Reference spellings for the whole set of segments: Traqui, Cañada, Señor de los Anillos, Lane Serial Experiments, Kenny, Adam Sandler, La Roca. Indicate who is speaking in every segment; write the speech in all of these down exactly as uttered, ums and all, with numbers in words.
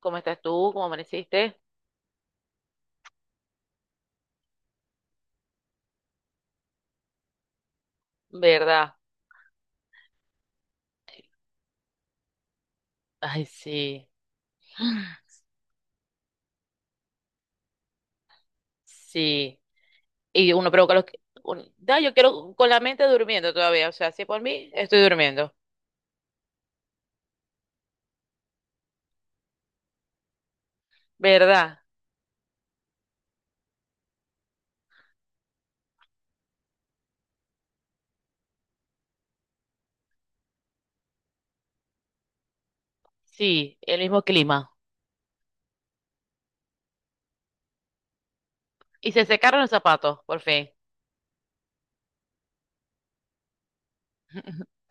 Speaker 1: ¿Cómo estás tú? ¿Cómo amaneciste? ¿Verdad? Ay, sí. Sí. Y uno provoca los... que- un- da, yo quiero con la mente durmiendo todavía. O sea, si por mí, estoy durmiendo. ¿Verdad? Sí, el mismo clima. Y se secaron los zapatos, por fin.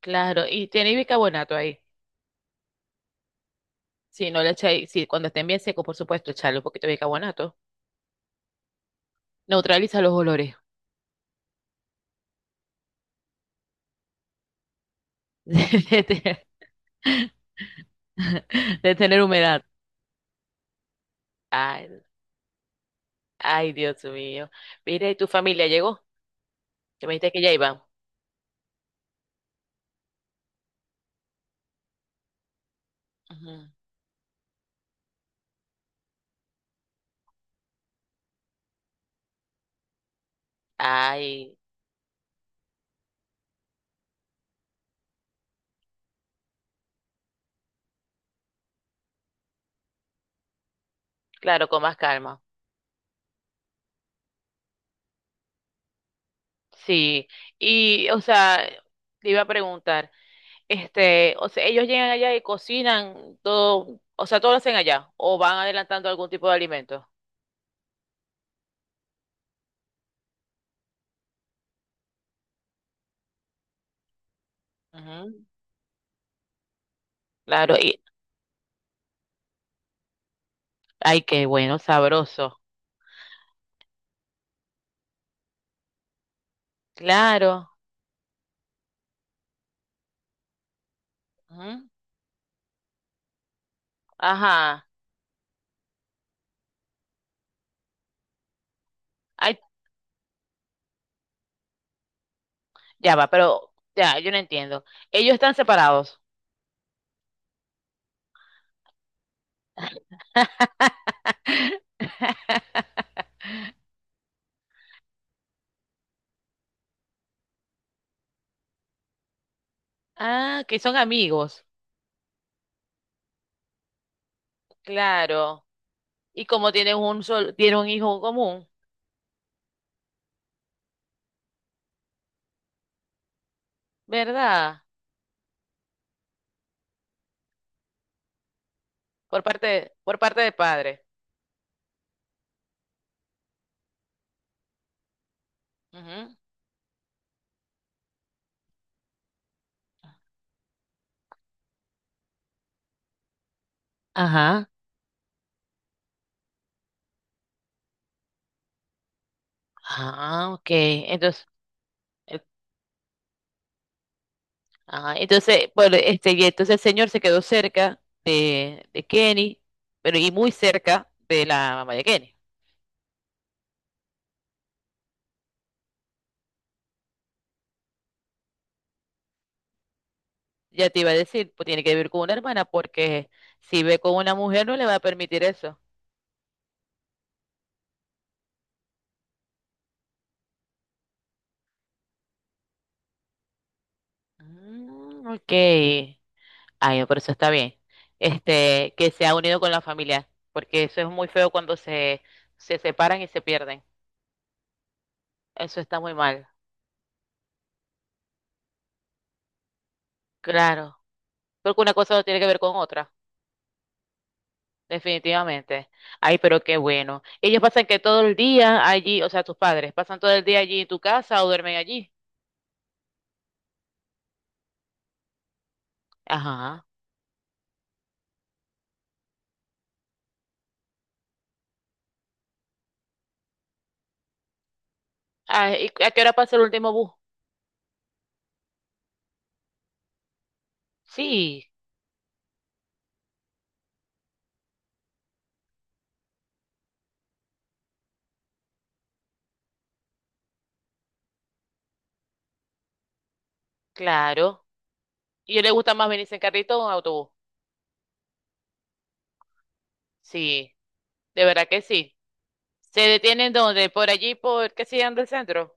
Speaker 1: Claro, y tiene bicarbonato ahí. Sí, no le echáis, sí, cuando estén bien secos, por supuesto, echarle un poquito de bicarbonato. Neutraliza los olores. De, tener de tener humedad. Ay, Ay, Dios mío. Mire, ¿y tu familia llegó? Que me dijiste que ya iba. Ujú. Ay, claro, con más calma. Sí. Y, o sea, te iba a preguntar, este, o sea, ellos llegan allá y cocinan todo, o sea, todo lo hacen allá, o van adelantando algún tipo de alimento. Ujú. Claro, y, ay, qué bueno, sabroso. Claro. Ujú. Ajá. Ay, ya va, pero ya, yo no entiendo. Ellos están separados. Ah, que son amigos, claro. Y como tienen un sol, tienen un hijo común, ¿verdad? Por parte de, por parte de padre. Ujú. Ajá. Ah, ok. Entonces, eh, ah, entonces, bueno, este, y entonces el señor se quedó cerca de, de Kenny, pero y muy cerca de la mamá de Kenny. Ya te iba a decir, pues tiene que vivir con una hermana porque si ve con una mujer no le va a permitir eso. Mm, ok. Ay, por eso está bien. Este, que se ha unido con la familia, porque eso es muy feo cuando se, se separan y se pierden. Eso está muy mal. Claro. Porque una cosa no tiene que ver con otra, definitivamente. Ay, pero qué bueno. Ellos pasan que todo el día allí, o sea, tus padres, pasan todo el día allí en tu casa o duermen allí. Ajá. Ay, ¿y a qué hora pasa el último bus? Sí, claro. ¿Y a él le gusta más venirse en carrito o en autobús? Sí, de verdad que sí. ¿Se detienen dónde? ¿Por allí, por qué sigan del centro?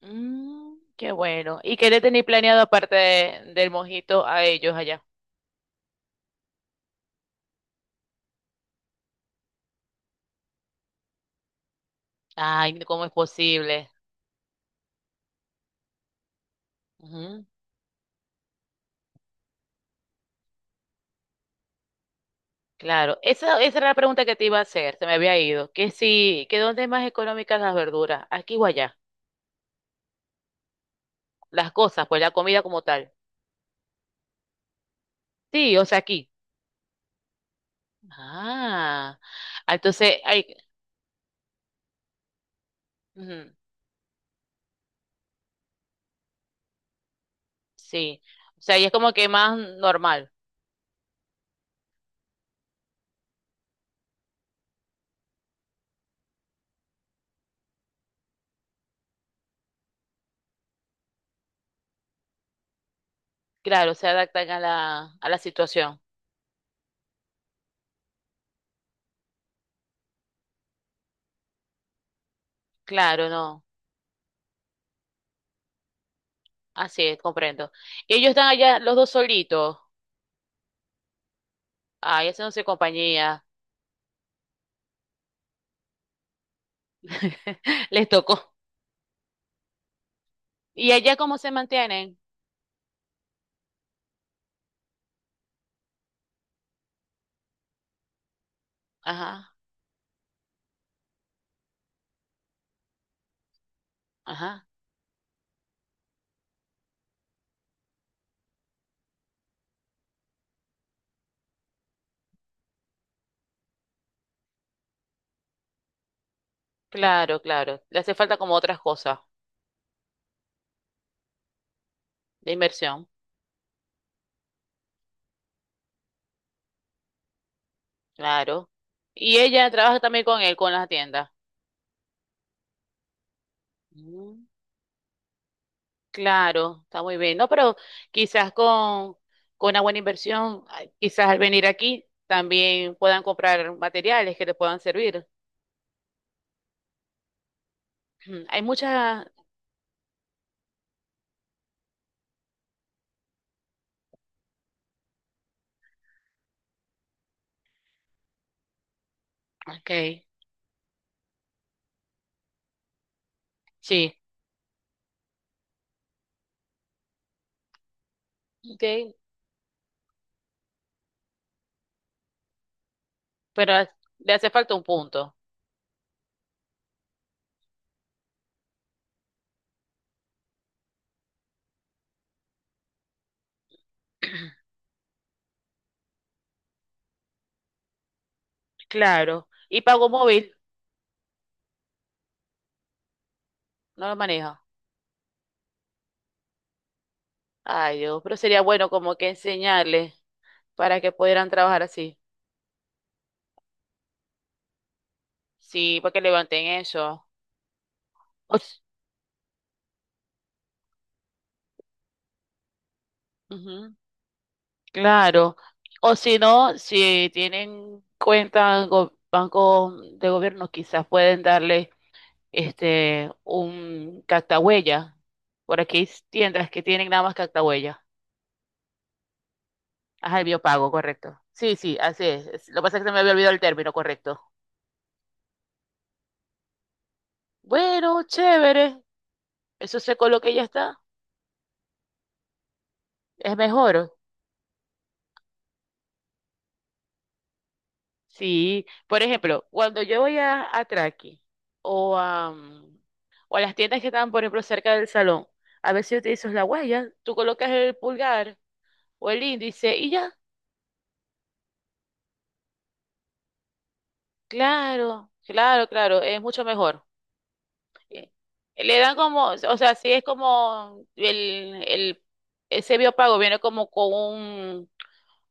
Speaker 1: Mm, qué bueno. ¿Y qué le tenéis planeado aparte de- del mojito a ellos allá? Ay, ¿cómo es posible? Ujú. Claro, esa, esa era la pregunta que te iba a hacer, se me había ido. Que si, que dónde es más económicas las verduras, aquí o allá, las cosas, pues la comida como tal. Sí, o sea, aquí. Ah, ah, entonces, hay, ujú, sí, o sea, y es como que más normal, claro, se adaptan a la, a la situación. Claro, no. Así es, comprendo. Y ellos están allá los dos solitos. Ay, haciéndose compañía. Les tocó. ¿Y allá cómo se mantienen? Ajá, ajá. Claro, claro. Le hace falta como otras cosas de inversión. Claro. Y ella trabaja también con él, con las tiendas. Mm, claro, está muy bien. No, pero quizás con, con una buena inversión, ay, quizás al venir aquí también puedan comprar materiales que te puedan servir. Mm, hay muchas. Ok, sí. Ok, pero a- le hace falta un punto. Claro. Y pago móvil, no lo maneja. Ay, Dios, pero sería bueno como que enseñarle para que pudieran trabajar así. Sí, para que levanten eso. O s- ujú, claro. O si no, si tienen cuenta en go- banco de gobierno, quizás pueden darle este un cactahuella. Por aquí hay tiendas que tienen nada más cactahuella. Ajá, el biopago, correcto. Sí, sí, así es. Es... Lo que pasa es que se me había olvidado el término, correcto. Bueno, chévere. Eso se coloca y ya está. Es mejor. Sí. Por ejemplo, cuando yo voy a, a Traqui o a, mm, o a las tiendas que están, por ejemplo, cerca del salón, a veces utilizas la huella. Tú colocas el pulgar o el índice y ya. Claro, claro, claro. Es mucho mejor. Eh, Le dan como, o sea, si es como el, el, ese biopago viene como con un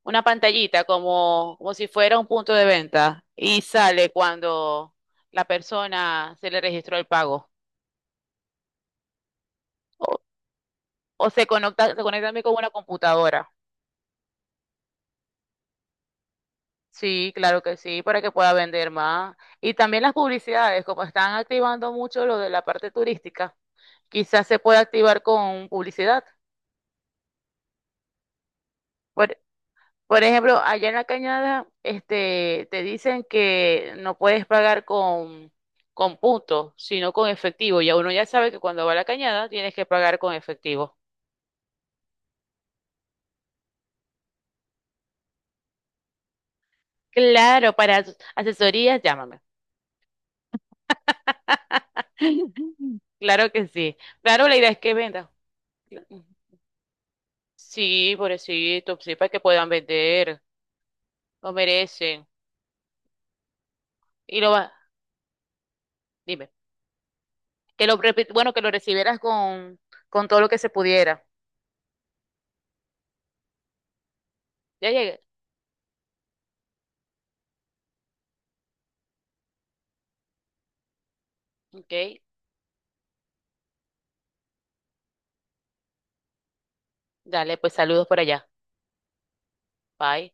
Speaker 1: una pantallita como, como si fuera un punto de venta y sale cuando la persona se le registró el pago o, o se conecta, se conecta también con una computadora. Sí, claro que sí, para que pueda vender más. Y también las publicidades, como están activando mucho lo de la parte turística, quizás se pueda activar con publicidad. Por ejemplo, allá en la Cañada, este, te dicen que no puedes pagar con, con puntos, sino con efectivo. Ya uno ya sabe que cuando va a la Cañada tienes que pagar con efectivo. Claro, para as- asesorías, llámame. Claro que sí. Claro, la idea es que venda. Sí, pobrecito, sí, para que puedan vender. Lo merecen. Y lo va, dime. Que lo, repi- bueno, que lo recibieras con, con todo lo que se pudiera. Ya llegué. Ok. Dale, pues saludos por allá. Bye.